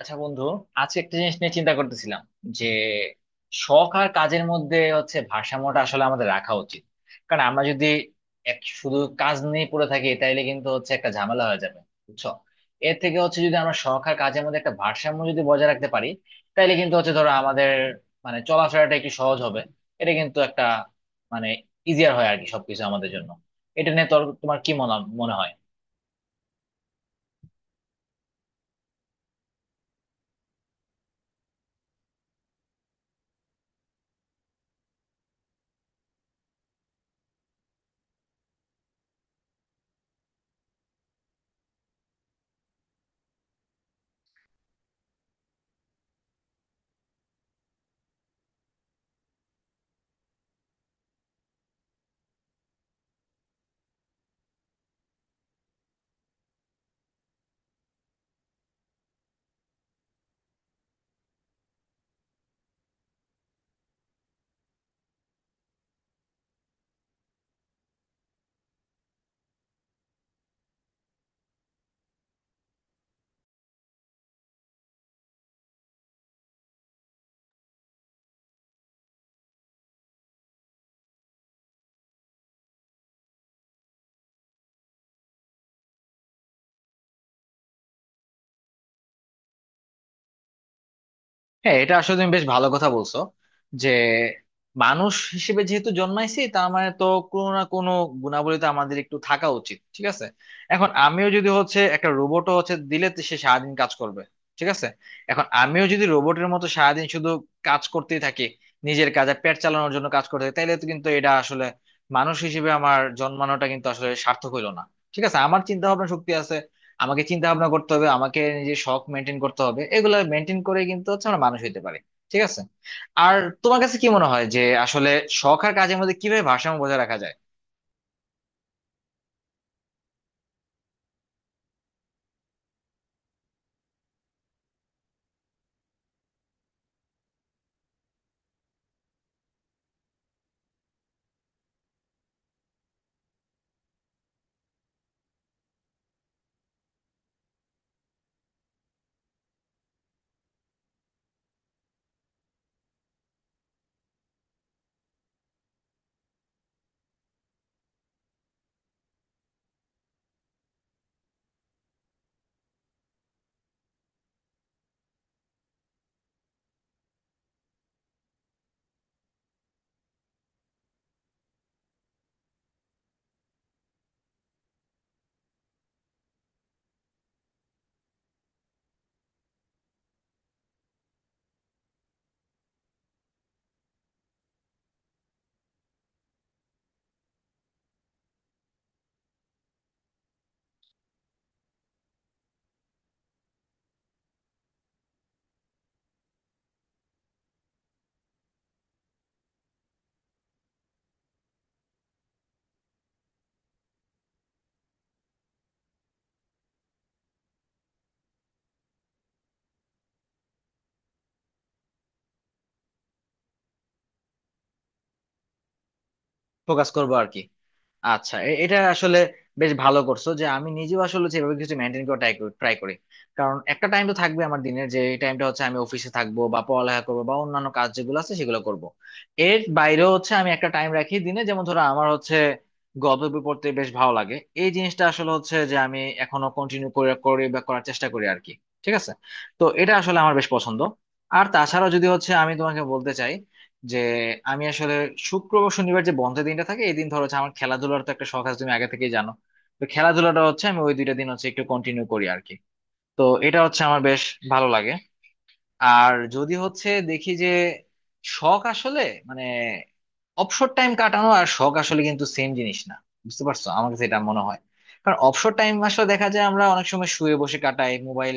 আচ্ছা বন্ধু, আজকে একটা জিনিস নিয়ে চিন্তা করতেছিলাম যে, শখ আর কাজের মধ্যে হচ্ছে ভারসাম্যটা আসলে আমাদের রাখা উচিত। কারণ আমরা যদি এক শুধু কাজ নিয়ে পড়ে থাকি তাইলে কিন্তু হচ্ছে একটা ঝামেলা হয়ে যাবে, বুঝছো। এর থেকে হচ্ছে যদি আমরা শখ আর কাজের মধ্যে একটা ভারসাম্য যদি বজায় রাখতে পারি, তাইলে কিন্তু হচ্ছে ধরো আমাদের মানে চলাফেরাটা একটু সহজ হবে। এটা কিন্তু একটা মানে ইজিয়ার হয় আর কি সবকিছু আমাদের জন্য। এটা নিয়ে তোমার কি মনে মনে হয়? হ্যাঁ, এটা আসলে তুমি বেশ ভালো কথা বলছো যে, মানুষ হিসেবে যেহেতু জন্মাইছি তার মানে তো কোনো না কোনো গুণাবলী তো আমাদের একটু থাকা উচিত। ঠিক আছে, এখন আমিও যদি হচ্ছে একটা রোবটও হচ্ছে দিলে তো সে সারাদিন কাজ করবে। ঠিক আছে, এখন আমিও যদি রোবটের মতো সারাদিন শুধু কাজ করতেই থাকি, নিজের কাজে পেট চালানোর জন্য কাজ করতে থাকি তাহলে তো কিন্তু এটা আসলে মানুষ হিসেবে আমার জন্মানোটা কিন্তু আসলে সার্থক হইলো না। ঠিক আছে, আমার চিন্তা ভাবনা শক্তি আছে, আমাকে চিন্তা ভাবনা করতে হবে, আমাকে নিজের শখ মেনটেন করতে হবে, এগুলো মেনটেন করে কিন্তু হচ্ছে আমরা মানুষ হইতে পারি। ঠিক আছে, আর তোমার কাছে কি মনে হয় যে আসলে শখ আর কাজের মধ্যে কিভাবে ভারসাম্য বজায় রাখা যায়? ফোকাস করবো আর কি। আচ্ছা, এটা আসলে বেশ ভালো করছো যে আমি নিজেও আসলে সেভাবে কিছু মেনটেন করে ট্রাই করি। কারণ একটা টাইম তো থাকবে আমার দিনের যে টাইমটা হচ্ছে আমি অফিসে থাকবো বা পড়ালেখা করবো বা অন্যান্য কাজ যেগুলো আছে সেগুলো করব। এর বাইরেও হচ্ছে আমি একটা টাইম রাখি দিনে, যেমন ধরো আমার হচ্ছে গল্প বই পড়তে বেশ ভালো লাগে। এই জিনিসটা আসলে হচ্ছে যে আমি এখনো কন্টিনিউ করে করে বা করার চেষ্টা করি আর কি। ঠিক আছে, তো এটা আসলে আমার বেশ পছন্দ। আর তাছাড়া যদি হচ্ছে আমি তোমাকে বলতে চাই যে আমি আসলে শুক্রবার শনিবার যে বন্ধের দিনটা থাকে এই দিন ধরো হচ্ছে আমার খেলাধুলার তো একটা শখ আছে, তুমি আগে থেকেই জানো। তো খেলাধুলাটা হচ্ছে আমি ওই দুইটা দিন হচ্ছে একটু কন্টিনিউ করি আর কি। তো এটা হচ্ছে আমার বেশ ভালো লাগে। আর যদি হচ্ছে দেখি যে শখ আসলে মানে অবসর টাইম কাটানো আর শখ আসলে কিন্তু সেম জিনিস না, বুঝতে পারছো? আমার কাছে এটা মনে হয়। কারণ অবসর টাইম আসলে দেখা যায় আমরা অনেক সময় শুয়ে বসে কাটাই, মোবাইল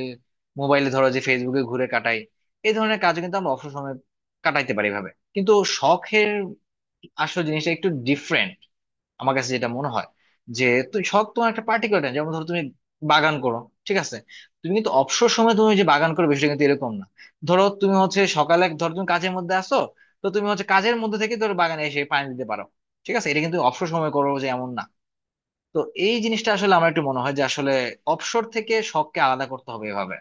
মোবাইলে ধরো যে ফেসবুকে ঘুরে কাটাই, এই ধরনের কাজ কিন্তু আমরা অবসর সময় কাটাইতে পারি এভাবে। কিন্তু শখের আসল জিনিসটা একটু ডিফারেন্ট, আমার কাছে যেটা মনে হয়। যে তুই শখ তোমার একটা পার্টিকুলার টাইম, যেমন ধরো তুমি বাগান করো। ঠিক আছে, তুমি কিন্তু অবসর সময় তুমি যে বাগান করো বিষয়টা কিন্তু এরকম না। ধরো তুমি হচ্ছে সকালে ধরো তুমি কাজের মধ্যে আসো, তো তুমি হচ্ছে কাজের মধ্যে থেকে ধরো বাগানে এসে পানি দিতে পারো। ঠিক আছে, এটা কিন্তু অবসর সময় করো যে এমন না। তো এই জিনিসটা আসলে আমার একটু মনে হয় যে আসলে অবসর থেকে শখকে আলাদা করতে হবে এভাবে।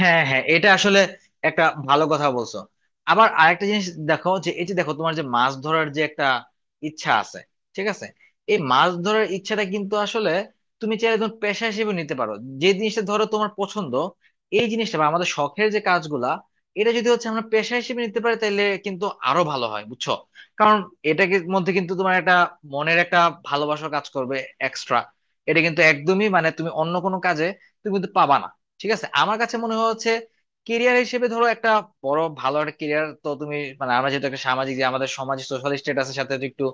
হ্যাঁ, হ্যাঁ, এটা আসলে একটা ভালো কথা বলছো। আবার আরেকটা জিনিস দেখো, যে এই যে দেখো তোমার যে মাছ ধরার যে একটা ইচ্ছা আছে, ঠিক আছে, এই মাছ ধরার ইচ্ছাটা কিন্তু আসলে তুমি চাইলে একদম পেশা হিসেবে নিতে পারো। যে জিনিসটা ধরো তোমার পছন্দ, এই জিনিসটা বা আমাদের শখের যে কাজগুলা, এটা যদি হচ্ছে আমরা পেশা হিসেবে নিতে পারি তাহলে কিন্তু আরো ভালো হয়, বুঝছো? কারণ এটাকে মধ্যে কিন্তু তোমার একটা মনের একটা ভালোবাসা কাজ করবে এক্সট্রা। এটা কিন্তু একদমই মানে তুমি অন্য কোনো কাজে তুমি কিন্তু পাবা না। ঠিক আছে, আমার কাছে মনে হচ্ছে কেরিয়ার হিসেবে ধরো একটা বড় ভালো একটা কেরিয়ার তো তুমি মানে আমরা যেহেতু একটা সামাজিক, যে আমাদের সমাজ সোশ্যাল স্ট্যাটাসের সাথে তো একটু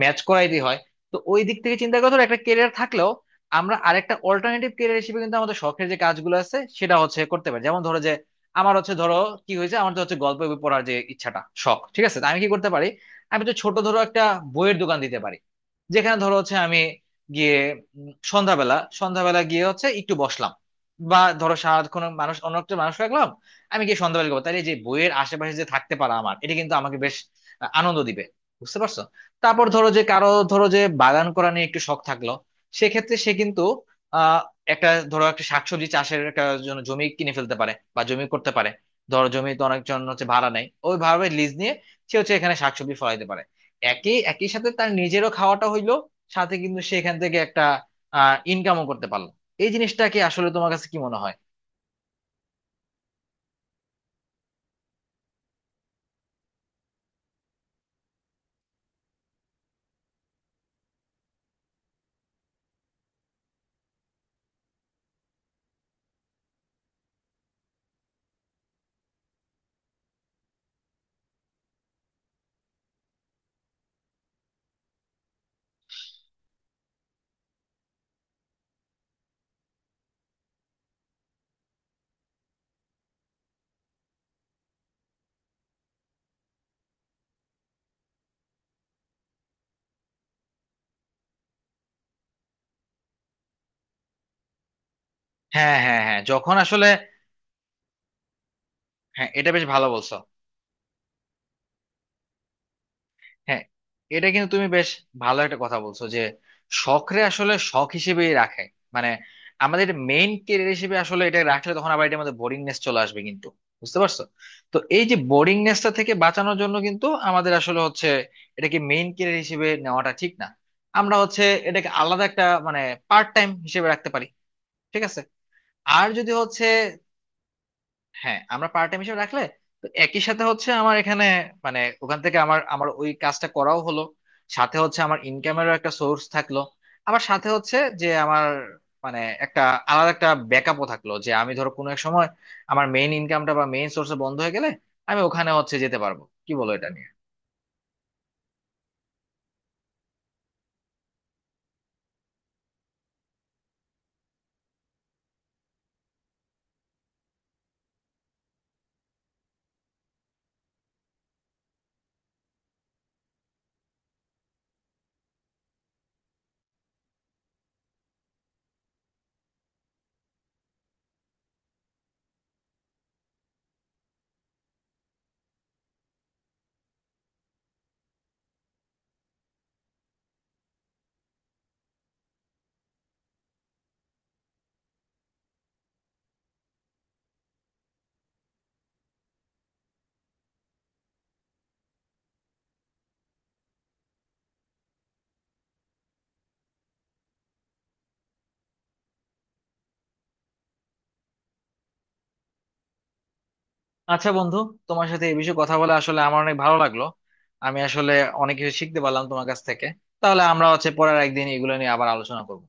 ম্যাচ করাইতে হয়, তো ওই দিক থেকে চিন্তা করে ধরো একটা কেরিয়ার থাকলেও আমরা আরেকটা অল্টারনেটিভ কেরিয়ার হিসেবে কিন্তু আমাদের শখের যে কাজগুলো আছে সেটা হচ্ছে করতে পারি। যেমন ধরো যে আমার হচ্ছে ধরো, কি হয়েছে আমার তো হচ্ছে গল্প বই পড়ার যে ইচ্ছাটা শখ, ঠিক আছে, তো আমি কি করতে পারি, আমি তো ছোট ধরো একটা বইয়ের দোকান দিতে পারি। যেখানে ধরো হচ্ছে আমি গিয়ে সন্ধ্যাবেলা সন্ধ্যাবেলা গিয়ে হচ্ছে একটু বসলাম, বা ধরো সারাক্ষণ মানুষ অন্য একটা মানুষ রাখলাম, আমি গিয়ে সন্ধ্যাবেলা করবো। তাহলে যে বইয়ের আশেপাশে যে থাকতে পারা আমার এটা কিন্তু আমাকে বেশ আনন্দ দিবে, বুঝতে পারছো? তারপর ধরো যে কারো ধরো যে বাগান করা নিয়ে একটু শখ থাকলো, সেক্ষেত্রে সে কিন্তু আহ একটা ধরো একটা শাকসবজি চাষের একটা জন্য জমি কিনে ফেলতে পারে বা জমি করতে পারে। ধরো জমি তো অনেকজন হচ্ছে ভাড়া নেয় ওইভাবে, লিজ নিয়ে সে হচ্ছে এখানে শাকসবজি ফলাইতে পারে। একই একই সাথে তার নিজেরও খাওয়াটা হইলো, সাথে কিন্তু সে এখান থেকে একটা ইনকামও করতে পারলো। এই জিনিসটাকে আসলে তোমার কাছে কি মনে হয়? হ্যাঁ, হ্যাঁ, হ্যাঁ, যখন আসলে, হ্যাঁ এটা বেশ ভালো বলছো। হ্যাঁ, এটা কিন্তু তুমি বেশ ভালো একটা কথা বলছো যে শখরে আসলে শখ হিসেবেই রাখে। মানে আমাদের মেইন কেরিয়ার হিসেবে আসলে এটা রাখলে তখন আবার এটার মধ্যে বোরিংনেস চলে আসবে কিন্তু, বুঝতে পারছো? তো এই যে বোরিংনেসটা থেকে বাঁচানোর জন্য কিন্তু আমাদের আসলে হচ্ছে এটাকে মেইন কেরিয়ার হিসেবে নেওয়াটা ঠিক না। আমরা হচ্ছে এটাকে আলাদা একটা মানে পার্ট টাইম হিসেবে রাখতে পারি। ঠিক আছে, আর যদি হচ্ছে, হ্যাঁ, আমরা পার্ট টাইম হিসেবে রাখলে তো একই সাথে হচ্ছে আমার এখানে মানে ওখান থেকে আমার আমার ওই কাজটা করাও হলো, সাথে হচ্ছে আমার ইনকামেরও একটা সোর্স থাকলো। আবার সাথে হচ্ছে যে আমার মানে একটা আলাদা একটা ব্যাকআপও থাকলো, যে আমি ধরো কোনো এক সময় আমার মেইন ইনকামটা বা মেইন সোর্স বন্ধ হয়ে গেলে আমি ওখানে হচ্ছে যেতে পারবো। কি বলো এটা নিয়ে? আচ্ছা বন্ধু, তোমার সাথে এই বিষয়ে কথা বলে আসলে আমার অনেক ভালো লাগলো। আমি আসলে অনেক কিছু শিখতে পারলাম তোমার কাছ থেকে। তাহলে আমরা হচ্ছে পরের একদিন এগুলো নিয়ে আবার আলোচনা করবো।